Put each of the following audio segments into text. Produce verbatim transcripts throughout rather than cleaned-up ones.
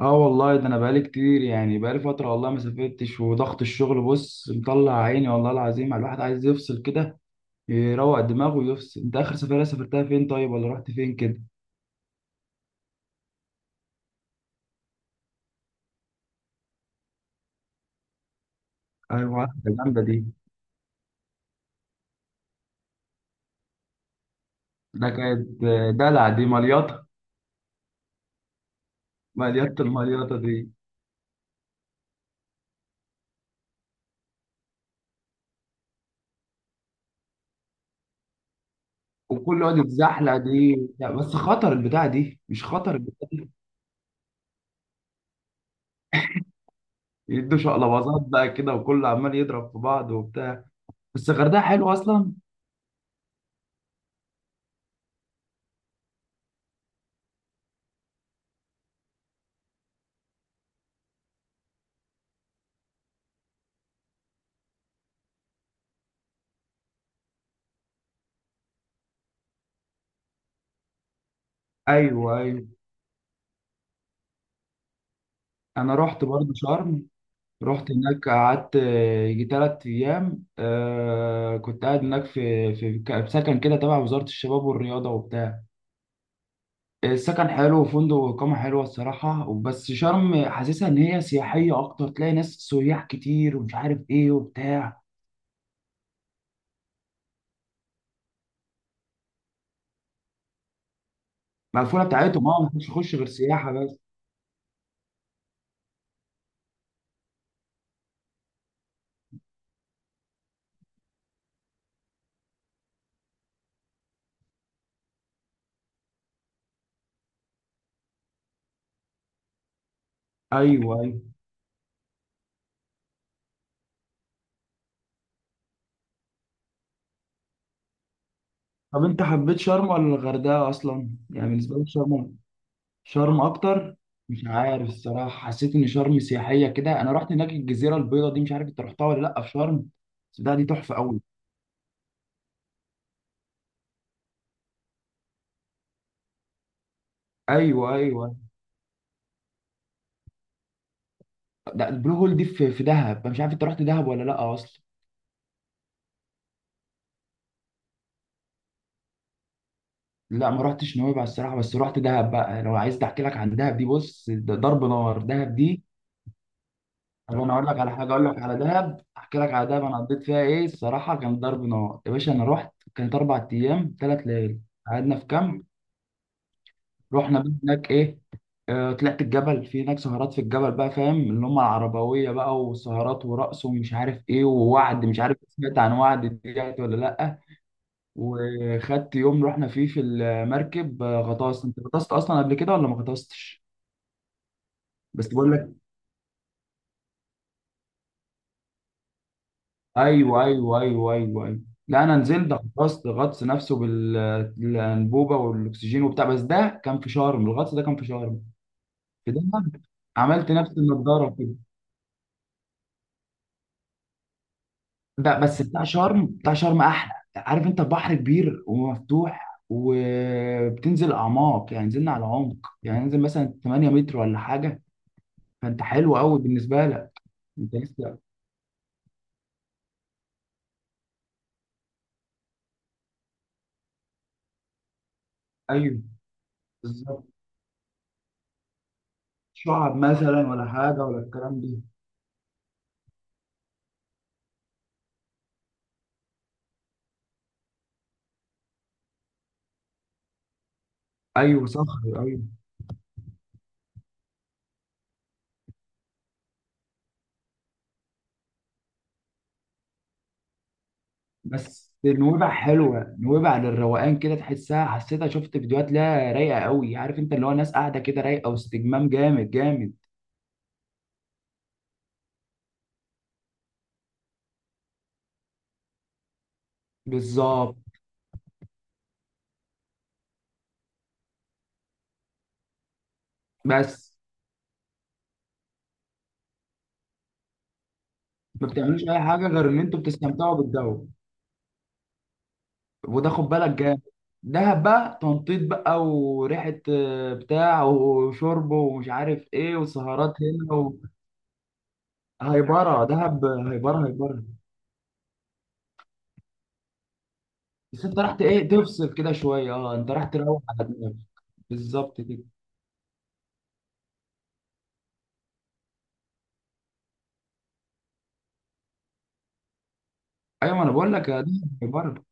اه والله ده انا بقالي كتير، يعني بقالي فتره، والله ما سافرتش. وضغط الشغل بص مطلع عيني والله العظيم. على الواحد عايز يفصل كده، يروق دماغه ويفصل. انت اخر سفريه سافرتها فين طيب؟ ولا رحت فين كده؟ ايوه ده جامده دي. ده كانت دلع دي مليطه. مليطه المليطه دي. وكل يقعد يتزحلق دي. لا بس خطر البتاع دي، مش خطر البتاع دي. يدوا شقلباظات بقى كده، وكله عمال يضرب في بعض وبتاع. بس الغردقه حلوه اصلا. ايوه ايوه. انا رحت برضه شرم. رحت هناك قعدت آه، يجي تلات أيام. آه، كنت قاعد هناك في في ك- في سكن كده تبع وزارة الشباب والرياضة وبتاع. السكن حلو، وفندق وإقامة حلوة الصراحة. بس شرم حاسسها إن هي سياحية أكتر، تلاقي ناس سياح كتير ومش عارف إيه وبتاع. مقفولة بتاعتهم، أه مش يخش غير سياحة بس. أيوه أيوه. طب أنت حبيت شرم ولا الغردقة أصلا؟ يعني بالنسبة لك شرم. شرم اكتر. مش عارف الصراحه حسيت ان شرم سياحيه كده. انا رحت هناك الجزيره البيضاء دي، مش عارف انت رحتها ولا لا في شرم. بس ده دي تحفه قوي. ايوه ايوه. ده البلو هول دي في في دهب. أنا مش عارف انت رحت دهب ولا لا اصلا. لا ما رحتش نويبع الصراحه، بس رحت دهب بقى. لو عايز احكي لك عن دهب دي بص، ده ضرب نار دهب دي. طب انا اقول لك على حاجه، اقول لك على دهب. احكي لك على دهب انا قضيت فيها ايه الصراحه. كان ضرب نار يا باشا. انا رحت كانت اربع ايام ثلاث ليالي. قعدنا في كامب. رحنا بقى هناك ايه، آه، طلعت الجبل. في هناك سهرات في الجبل بقى، فاهم؟ اللي هم العربويه بقى، وسهرات ورقص ومش عارف ايه، ووعد. مش عارف سمعت عن وعد ديت ولا لا. وخدت يوم رحنا فيه في المركب، آه، غطاس. انت غطست اصلا قبل كده ولا ما غطستش؟ بس بقول لك ايوه ايوه ايوه ايوه ايوه. لا انا نزلت غطست غطس نفسه بالانبوبه والاكسجين وبتاع. بس ده كان في شرم، الغطس ده كان في شرم في دهب. عملت نفس النضاره كده. ب- بس بتاع شرم، بتاع شرم احلى. عارف انت البحر كبير ومفتوح، وبتنزل اعماق يعني. نزلنا على عمق يعني، ننزل مثلا ثمانية متر ولا حاجه. فانت حلو قوي بالنسبه لك. انت لسه. ايوه بالظبط. شعب مثلا ولا حاجه ولا الكلام ده. ايوه صخر ايوه. بس نويبع حلوه، نويبع للروقان كده، تحسها حسيتها. شفت فيديوهات لها رايقه قوي. عارف انت اللي هو ناس قاعده كده رايقه، واستجمام جامد جامد. بالظبط. بس ما بتعملوش اي حاجه غير ان انتوا بتستمتعوا بالجو. وده خد بالك جامد. دهب بقى تنطيط بقى وريحه، آه، بتاع وشرب ومش عارف ايه وسهرات هنا و… هيبره دهب، هيبره هيبره. بس انت رحت ايه، تفصل كده شويه؟ اه انت رحت تروح على دماغك. بالظبط كده. ايوه ما انا بقول لك يا دهب هيبره.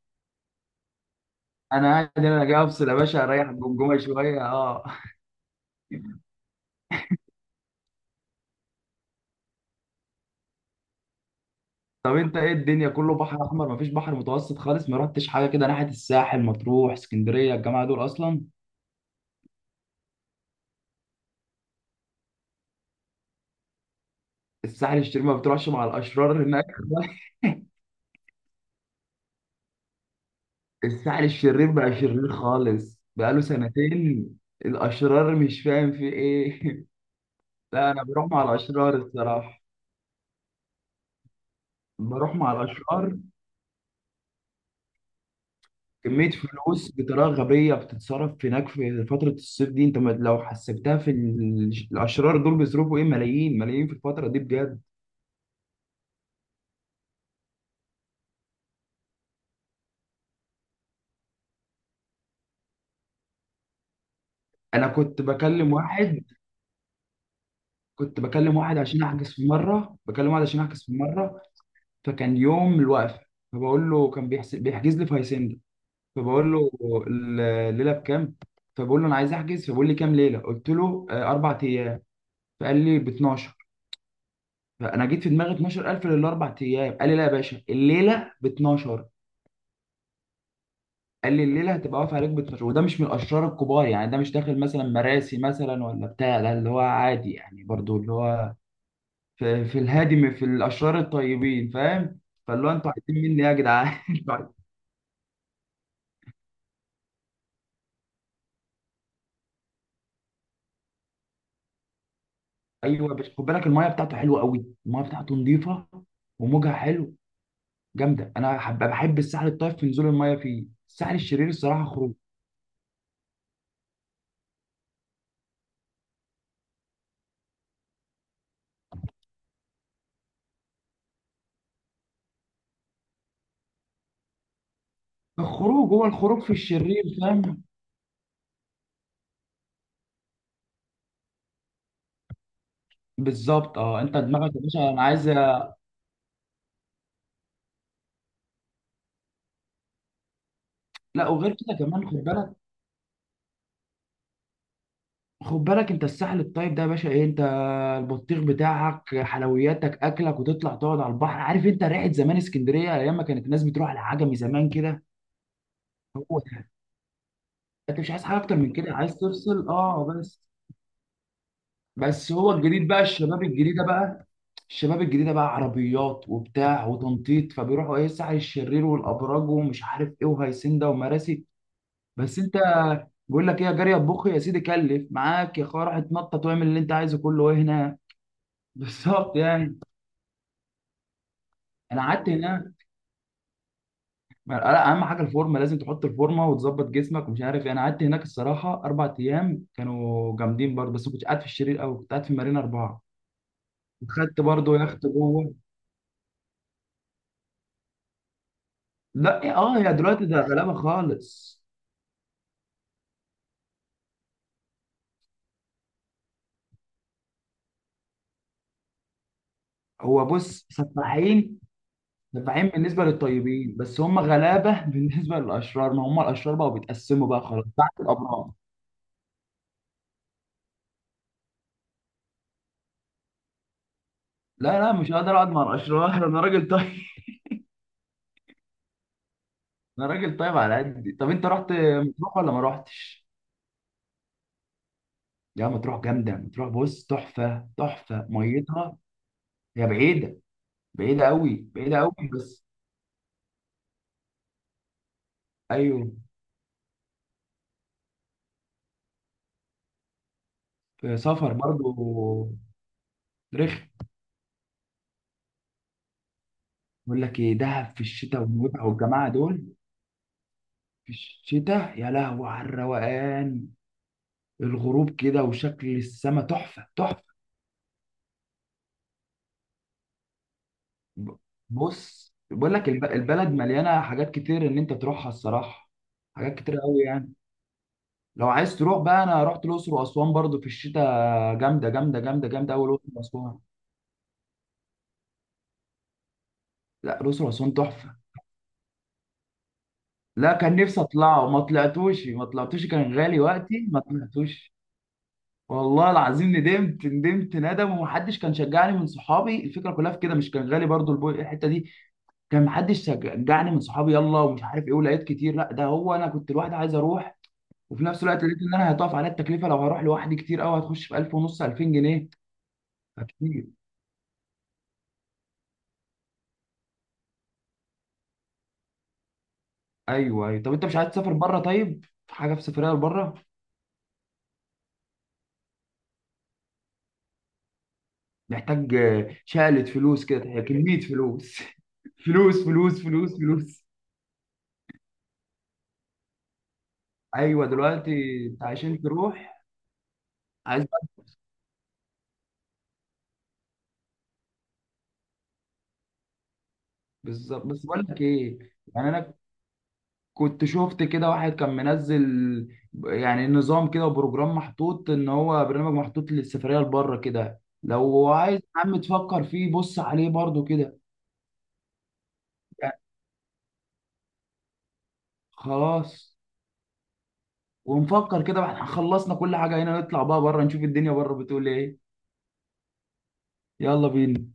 انا قاعد هنا، انا جاي افصل يا باشا، اريح الجمجمه شويه اه. طب انت ايه الدنيا كله بحر احمر؟ مفيش بحر متوسط خالص؟ ما رحتش حاجه كده ناحيه الساحل، مطروح، اسكندريه، الجماعه دول اصلا؟ الساحل الشرير ما بتروحش مع الاشرار هناك. الساحل الشرير بقى شرير خالص بقاله سنتين. الاشرار مش فاهم في ايه. لا انا بروح مع الاشرار الصراحه. بروح مع الاشرار. كميه فلوس بطريقه غبيه بتتصرف هناك في فتره الصيف دي. انت ما- لو حسبتها في ال- الاشرار دول بيصرفوا ايه، ملايين ملايين في الفتره دي بجد. انا كنت بكلم واحد. كنت بكلم واحد عشان احجز في مره، بكلم واحد عشان احجز في مره. فكان يوم الوقفه. فبقول له كان بيحس... بيحجز لي في هاسيندا. فبقول له ال- الليله بكام؟ فبقول له انا عايز احجز. فبقول لي كام ليله؟ قلت له آه، اربع ايام. فقال لي ب اتناشر. فانا جيت في دماغي اتناشر الف للاربع ايام. قال لي لا يا باشا الليله ب اتناشر. قال لي الليله هتبقى واقفه عليك ب اتناشر. وده مش من الاشرار الكبار يعني، ده مش داخل مثلا مراسي مثلا ولا بتاع. ده اللي هو عادي يعني برضو، اللي هو في, في الهادي في الاشرار الطيبين، فاهم؟ فاللي هو انتوا عايزين مني إيه يا جدعان؟ ايوه بس خد بالك المايه بتاعته حلوه قوي، المايه بتاعته نظيفه وموجها حلو. جامده. انا حب- بحب الساحل الطيب في نزول المايه فيه. الساحل الشرير الصراحه خروج. الخروج هو الخروج في الشرير، فاهم؟ بالظبط. اه انت دماغك يا باشا. انا عايز أ- لا وغير كده كمان خد بالك. خد بالك انت الساحل الطيب ده يا باشا، ايه انت، البطيخ بتاعك، حلوياتك، اكلك، وتطلع تقعد على البحر. عارف انت ريحه زمان اسكندريه، ايام ما كانت الناس بتروح للعجمي زمان كده. هو ده. انت مش عايز حاجه اكتر من كده، عايز تفصل اه بس. بس هو الجديد بقى، الشباب الجديده بقى، الشباب الجديده بقى عربيات وبتاع وتنطيط، فبيروحوا ايه، سعي الشرير والابراج ومش عارف ايه وهيسنده ومراسي. بس انت بيقول لك ايه يا جاري، اطبخ يا سيدي، كلف معاك يا اخويا، روح اتنطط واعمل اللي انت عايزه كله، ايه هنا. بالظبط يعني. انا قعدت هناك. لا اهم حاجه الفورمه، لازم تحط الفورمه وتظبط جسمك ومش عارف إيه. انا قعدت هناك الصراحه اربع ايام كانوا جامدين برضه. بس ما كنتش قاعد في الشرير قوي، كنت قاعد في مارينا اربعه. خدت برضه يخت جوه. لا اه هي دلوقتي ده غلابه خالص. هو بص سفاحين. سفاحين بالنسبه للطيبين، بس هم غلابه. بالنسبه للاشرار، ما هم الاشرار بقوا بيتقسموا بقى خلاص تحت الابرار. لا لا مش هقدر اقعد مع الاشرار. انا راجل طيب. انا راجل طيب على قدي. طب انت رحت مطروح ولا ما رحتش؟ يا مطروح جامده، مطروح بص تحفه، تحفه ميتها. هي بعيده، بعيده قوي، بعيده قوي بس. ايوه. في سفر برضو رخم. بقول لك ايه، دهب في الشتاء والمتعه والجماعه دول. في الشتاء يا لهوي على الروقان. الغروب كده وشكل السما تحفة تحفة. ب- بص بقول لك الب- البلد مليانة حاجات كتير ان انت تروحها الصراحة. حاجات كتير قوي يعني. لو عايز تروح بقى، انا رحت الاقصر واسوان برضو في الشتاء. جامدة جامدة جامدة جامدة قوي الاقصر واسوان. لا الاقصر واسوان تحفة. لا كان نفسي اطلعه، ما طلعتوش ما طلعتوش. كان غالي وقتي ما طلعتوش. والله العظيم ندمت، ندمت ندم. ومحدش كان شجعني من صحابي الفكره كلها في كده، مش كان غالي برضو البو- الحته دي. كان محدش شجعني من صحابي يلا ومش عارف ايه ولقيت كتير. لا ده هو انا كنت لوحدي عايز اروح. وفي نفس الوقت لقيت ان انا هيضاعف عليا التكلفه لو هروح لوحدي كتير قوي، هتخش في الف ونص الفين جنيه. فكتير. ايوه ايوه. طب انت مش عايز تسافر بره؟ طيب في حاجه في سفريه لبره؟ محتاج آه، شقلة فلوس كده، كميه فلوس. فلوس فلوس فلوس فلوس. ايوه دلوقتي. انت عشان تروح، عايز. بالظبط. بس بقول لك ايه يعني. انا كنت شفت كده واحد كان منزل يعني نظام كده وبروجرام محطوط، ان هو برنامج محطوط للسفرية لبره كده. لو عايز يا عم تفكر فيه بص عليه برضو كده. يعني خلاص. ونفكر كده، واحنا خلصنا كل حاجة هنا نطلع بقى بره نشوف الدنيا بره بتقول ايه. يلا بينا.